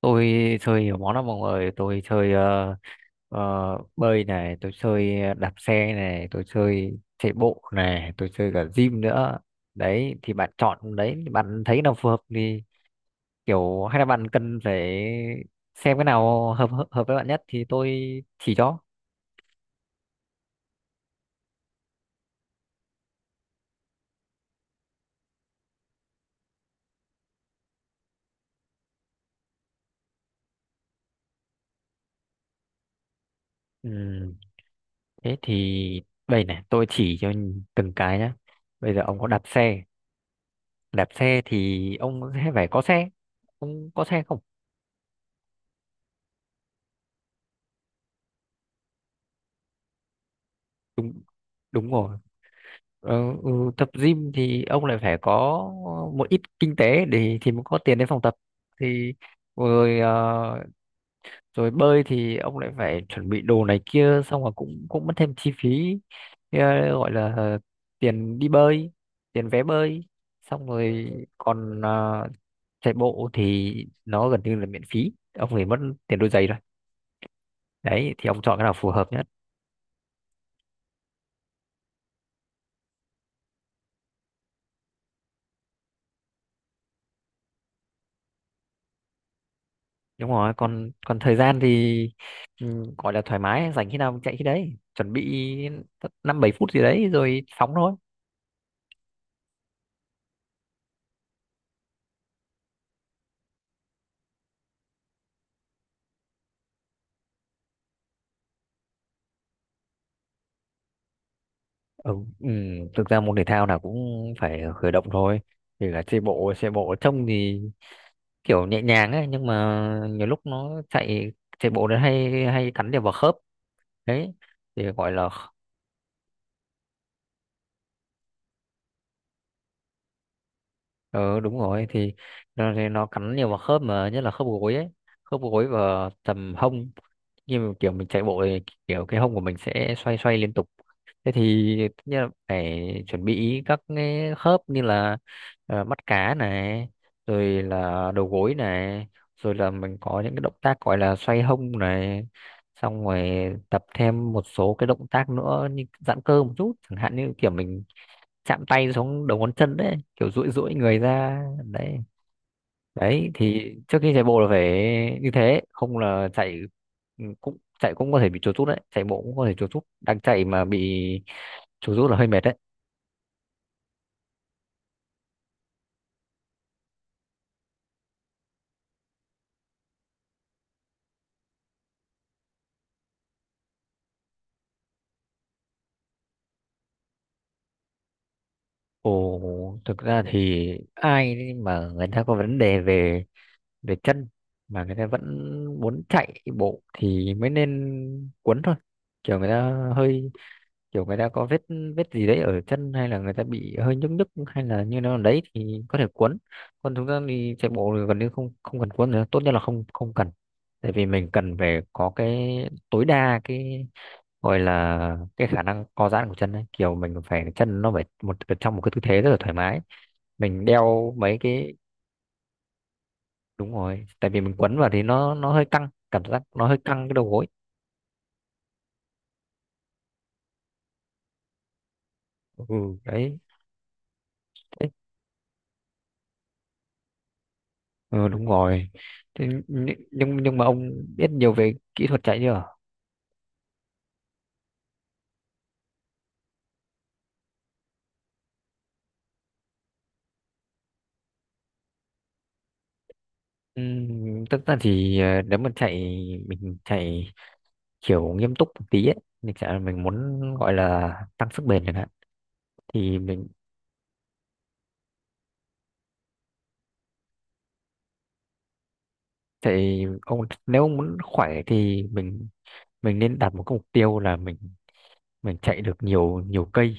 Tôi chơi nhiều món lắm mọi người. Tôi chơi ờ, bơi này, tôi chơi đạp xe này, tôi chơi chạy bộ này, tôi chơi cả gym nữa. Đấy thì bạn chọn, đấy bạn thấy nào phù hợp thì kiểu hay là bạn cần phải xem cái nào hợp hợp hợp với bạn nhất thì tôi chỉ cho. Ừ, thế thì đây này tôi chỉ cho từng cái nhá. Bây giờ ông có đạp xe, đạp xe thì ông sẽ phải có xe. Ông có xe không? Đúng, đúng rồi. Ờ, ừ, tập gym thì ông lại phải có một ít kinh tế để thì mới có tiền đến phòng tập thì. Rồi ờ, rồi bơi thì ông lại phải chuẩn bị đồ này kia, xong rồi cũng cũng mất thêm chi phí. ờ, Gọi là tiền đi bơi, tiền vé bơi. Xong rồi còn chạy bộ thì nó gần như là miễn phí, ông phải mất tiền đôi giày thôi. Đấy thì ông chọn cái nào phù hợp nhé. Đúng rồi. Còn còn thời gian thì, ừ, gọi là thoải mái, rảnh khi nào mình chạy khi đấy, chuẩn bị năm bảy phút gì đấy rồi phóng thôi. Ừ, ừ, thực ra môn thể thao nào cũng phải khởi động thôi. Thì là chạy bộ, chạy bộ trông thì kiểu nhẹ nhàng ấy nhưng mà nhiều lúc nó chạy chạy bộ nó hay hay cắn nhiều vào khớp. Đấy thì gọi là, ừ, đúng rồi, thì nó cắn nhiều vào khớp mà nhất là khớp gối ấy. Khớp gối và tầm hông, như mà kiểu mình chạy bộ thì kiểu cái hông của mình sẽ xoay xoay liên tục. Thế thì tất nhiên là phải chuẩn bị các cái khớp như là mắt cá này, rồi là đầu gối này, rồi là mình có những cái động tác gọi là xoay hông này, xong rồi tập thêm một số cái động tác nữa như giãn cơ một chút, chẳng hạn như kiểu mình chạm tay xuống đầu ngón chân đấy, kiểu duỗi duỗi người ra đấy. Đấy thì trước khi chạy bộ là phải như thế, không là chạy, ừ, cũng chạy cũng có thể bị chuột rút đấy, chạy bộ cũng có thể chuột rút, đang chạy mà bị chuột rút là hơi mệt đấy. Ồ, thực ra thì ai mà người ta có vấn đề về về chân mà người ta vẫn muốn chạy bộ thì mới nên cuốn thôi. Kiểu người ta hơi kiểu người ta có vết vết gì đấy ở chân, hay là người ta bị hơi nhức nhức, hay là như nào đấy thì có thể cuốn. Còn chúng ta đi chạy bộ thì gần như không không cần cuốn nữa, tốt nhất là không không cần. Tại vì mình cần phải có cái tối đa cái gọi là cái khả năng co giãn của chân ấy. Kiểu mình phải, chân nó phải một trong một cái tư thế rất là thoải mái. Mình đeo mấy cái. Đúng rồi, tại vì mình quấn vào thì nó hơi căng, cảm giác nó hơi căng cái đầu gối. Ừ, đấy. Ừ, đúng rồi. Thế nhưng mà ông biết nhiều về kỹ thuật chạy chưa? Tất ra thì ờ, nếu mà chạy mình chạy kiểu nghiêm túc một tí ấy, mình chạy mình muốn gọi là tăng sức bền chẳng hạn. Thì mình chạy ông, nếu ông muốn khỏe thì mình nên đặt một cái mục tiêu là mình chạy được nhiều nhiều cây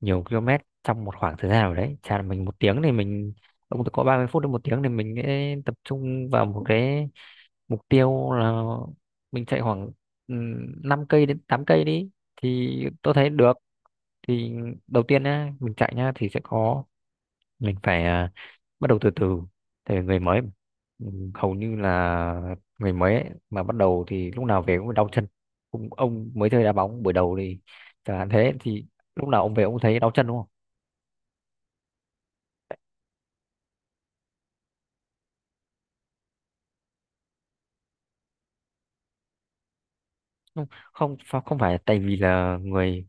nhiều km trong một khoảng thời gian nào đấy, chả là mình một tiếng thì mình, ông có 30 phút đến một tiếng thì mình sẽ tập trung vào một cái mục tiêu là mình chạy khoảng, ừ, 5 cây đến 8 cây đi thì tôi thấy được. Thì đầu tiên nhá, mình chạy nhá thì sẽ có, mình phải bắt đầu từ từ tại vì người mới mà. Ừ, hầu như là người mới ấy, mà bắt đầu thì lúc nào về cũng đau chân Ông mới chơi đá bóng buổi đầu thì chẳng hạn, thế thì lúc nào ông về ông thấy đau chân đúng? Không, không, không phải tại vì là người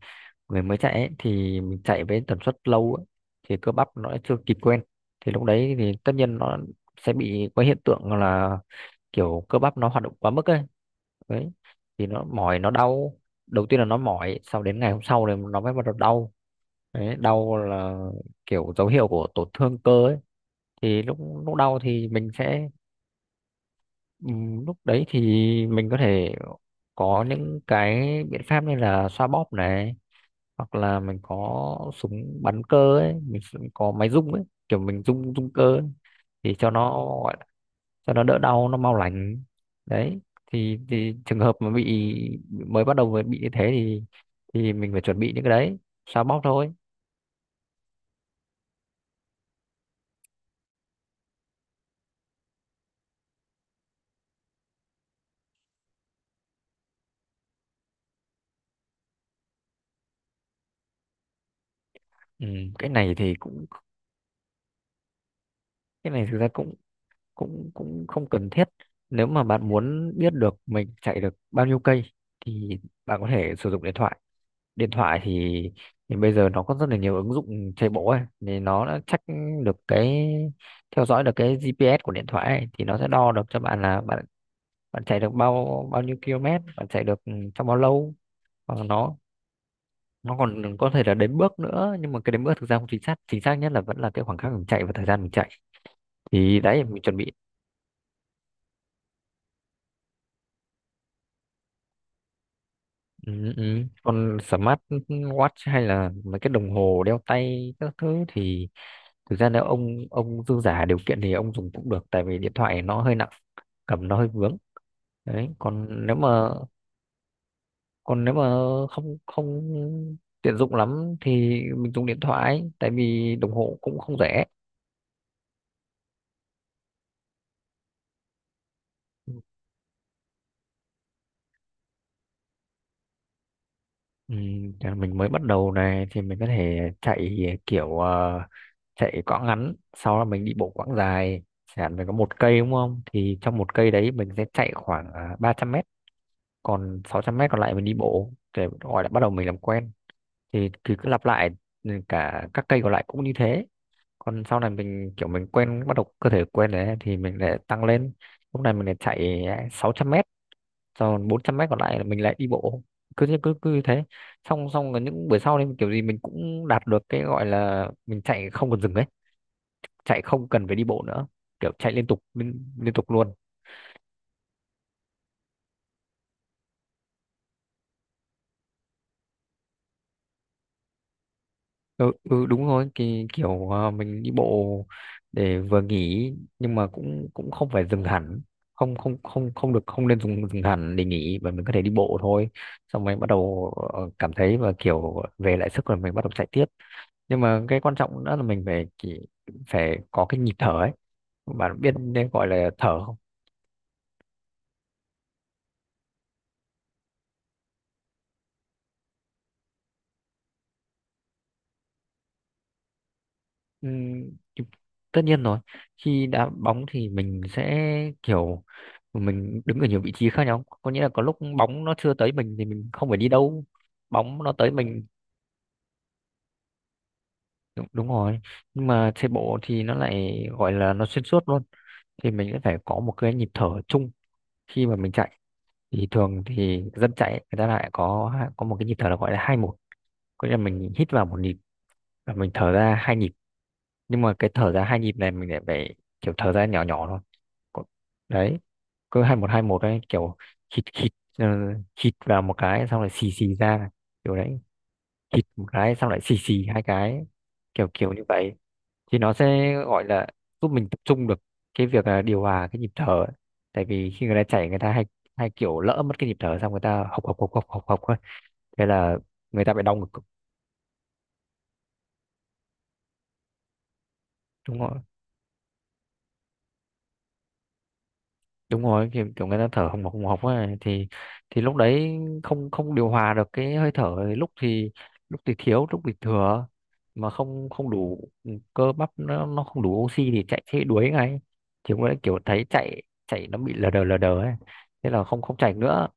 người mới chạy ấy, thì mình chạy với tần suất lâu ấy, thì cơ bắp nó chưa kịp quen. Thì lúc đấy thì tất nhiên nó sẽ bị có hiện tượng là kiểu cơ bắp nó hoạt động quá mức ấy. Đấy thì nó mỏi nó đau. Đầu tiên là nó mỏi, sau đến ngày hôm sau thì nó mới bắt đầu đau. Đấy, đau là kiểu dấu hiệu của tổn thương cơ ấy. Thì lúc lúc đau thì mình sẽ, ừ, lúc đấy thì mình có thể có những cái biện pháp như là xoa bóp này, hoặc là mình có súng bắn cơ ấy, mình sẽ có máy rung ấy, kiểu mình rung rung cơ ấy. Thì cho nó cho nó đỡ đau nó mau lành đấy. Thì trường hợp mà bị mới bắt đầu mới bị như thế thì mình phải chuẩn bị những cái đấy, xoa bóp thôi. Ừ, cái này thì cũng cái này thực ra cũng cũng cũng không cần thiết. Nếu mà bạn muốn biết được mình chạy được bao nhiêu cây thì bạn có thể sử dụng điện thoại. Điện thoại thì, bây giờ nó có rất là nhiều ứng dụng chạy bộ ấy thì nó đã check được cái theo dõi được cái GPS của điện thoại ấy, thì nó sẽ đo được cho bạn là bạn bạn chạy được bao bao nhiêu km, bạn chạy được trong bao lâu. Hoặc là nó còn có thể là đếm bước nữa, nhưng mà cái đếm bước thực ra không chính xác. Chính xác nhất là vẫn là cái khoảng khắc mình chạy và thời gian mình chạy. Thì đấy mình chuẩn bị. Ừ, ừ. Còn smart watch hay là mấy cái đồng hồ đeo tay các thứ thì thực ra nếu ông dư giả điều kiện thì ông dùng cũng được, tại vì điện thoại nó hơi nặng, cầm nó hơi vướng. Đấy, còn nếu mà không không tiện dụng lắm thì mình dùng điện thoại, tại vì đồng hồ cũng không rẻ. Ừ, để mình mới bắt đầu này thì mình có thể chạy kiểu chạy quãng ngắn, sau đó mình đi bộ quãng dài. Chẳng hạn mình có một cây đúng không, thì trong một cây đấy mình sẽ chạy khoảng 300 mét, còn 600 mét còn lại mình đi bộ để gọi là bắt đầu mình làm quen. Thì cứ lặp lại, ừ, cả các cây còn lại cũng như thế. Còn sau này mình kiểu mình quen, bắt đầu cơ thể quen đấy thì mình lại tăng lên. Lúc này mình lại chạy 600 mét, còn 400 mét còn lại là mình lại đi bộ, cứ thế cứ cứ như thế. Xong xong là những buổi sau thì kiểu gì mình cũng đạt được cái gọi là mình chạy không cần dừng ấy, chạy không cần phải đi bộ nữa, kiểu chạy liên tục, liên tục luôn. Ừ, ừ, đúng rồi thì kiểu mình đi bộ để vừa nghỉ, nhưng mà cũng cũng không phải dừng hẳn. Không, không, không, không được, không nên dừng hẳn để nghỉ, mà mình có thể đi bộ thôi. Xong mình bắt đầu cảm thấy và kiểu về lại sức rồi mình bắt đầu chạy tiếp. Nhưng mà cái quan trọng nữa là mình phải chỉ phải có cái nhịp thở ấy. Bạn biết nên gọi là thở không? Ừm, tất nhiên rồi. Khi đá bóng thì mình sẽ kiểu mình đứng ở nhiều vị trí khác nhau, có nghĩa là có lúc bóng nó chưa tới mình thì mình không phải đi đâu. Bóng nó tới mình đúng, đúng rồi. Nhưng mà chạy bộ thì nó lại gọi là nó xuyên suốt luôn, thì mình sẽ phải có một cái nhịp thở chung khi mà mình chạy. Thì thường thì dân chạy ấy, người ta lại có một cái nhịp thở là gọi là 2-1, có nghĩa là mình hít vào 1 nhịp và mình thở ra 2 nhịp. Nhưng mà cái thở ra 2 nhịp này mình lại phải kiểu thở ra nhỏ nhỏ thôi. Có- Đấy, cứ hai một đấy, kiểu hít hít ờ, hít vào một cái xong lại xì xì ra, kiểu đấy. Hít một cái xong lại xì xì hai cái, kiểu kiểu như vậy. Thì nó sẽ gọi là giúp mình tập trung được cái việc là điều hòa cái nhịp thở ấy. Tại vì khi người ta chạy, người ta hay hay kiểu lỡ mất cái nhịp thở xong người ta hộc hộc hộc hộc hộc hộc ấy. Thế là người ta bị đau ngực, đúng không? Đúng rồi, kiểu người ta thở hồng hộc ấy, thì lúc đấy không không điều hòa được cái hơi thở, lúc thì thiếu, lúc thì thừa. Mà không không đủ, ừ, cơ bắp nó không đủ oxy thì chạy thế đuối ngay. Thì cũng đấy kiểu thấy chạy chạy nó bị lờ đờ ấy, thế là không không chạy nữa.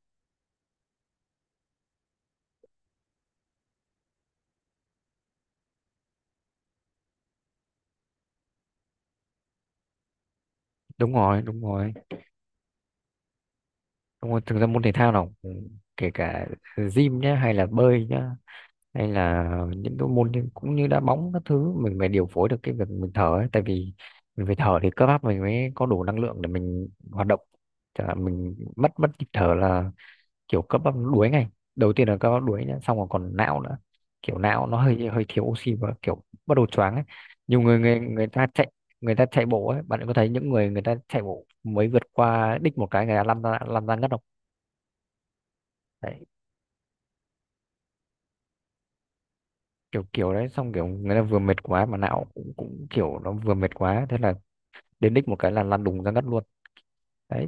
Đúng rồi, đúng rồi, đúng rồi, thực ra môn thể thao nào kể cả gym nhá, hay là bơi nhá, hay là những cái môn cũng như đá bóng các thứ, mình phải điều phối được cái việc mình thở ấy. Tại vì mình phải thở thì cơ bắp mình mới có đủ năng lượng để mình hoạt động. Chả hạn mình mất mất nhịp thở là kiểu cơ bắp nó đuối ngay. Đầu tiên là cơ bắp đuối nhá, xong rồi còn não nữa. Kiểu não nó hơi hơi thiếu oxy và kiểu bắt đầu choáng ấy. Nhiều người người người ta chạy bộ ấy, bạn có thấy những người người ta chạy bộ mới vượt qua đích một cái người ta lăn ra ngất không? Đấy, kiểu kiểu đấy xong kiểu người ta vừa mệt quá, mà não cũng kiểu nó vừa mệt quá, thế là đến đích một cái là lăn đùng ra ngất luôn đấy.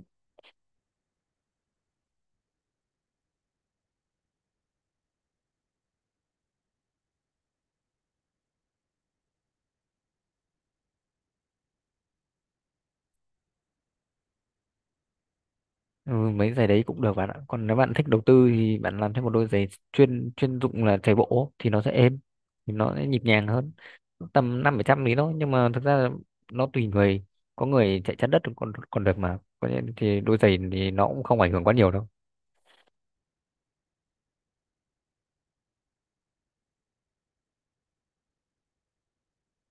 Ừ, mấy giày đấy cũng được bạn ạ. Còn nếu bạn thích đầu tư thì bạn làm thêm một đôi giày chuyên chuyên dụng là chạy bộ thì nó sẽ êm, thì nó sẽ nhịp nhàng hơn. Tầm năm bảy trăm lý thôi, nhưng mà thực ra là nó tùy người, có người chạy chắn đất còn còn được, mà có những thì đôi giày thì nó cũng không ảnh hưởng quá nhiều đâu.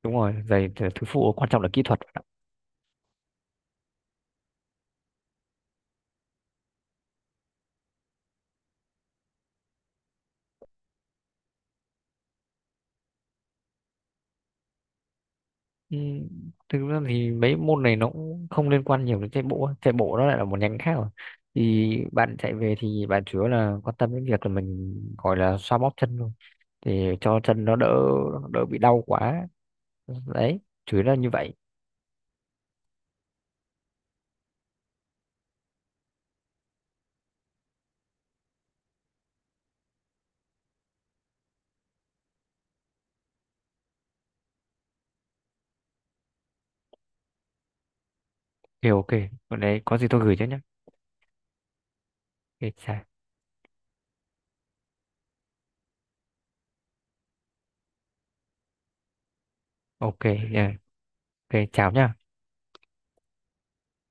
Đúng rồi, giày thì thứ phụ, quan trọng là kỹ thuật. Ừ, thực ra thì mấy môn này nó cũng không liên quan nhiều đến chạy bộ ấy. Chạy bộ nó lại là một nhánh khác rồi. Thì bạn chạy về thì bạn chủ yếu là quan tâm đến việc là mình gọi là xoa bóp chân thôi, thì cho chân nó đỡ, đỡ bị đau quá. Đấy, chủ yếu là như vậy. Thì ok. Còn đấy có gì tôi gửi cho nhé. Ok, ok. Yeah. Ok, chào nhá.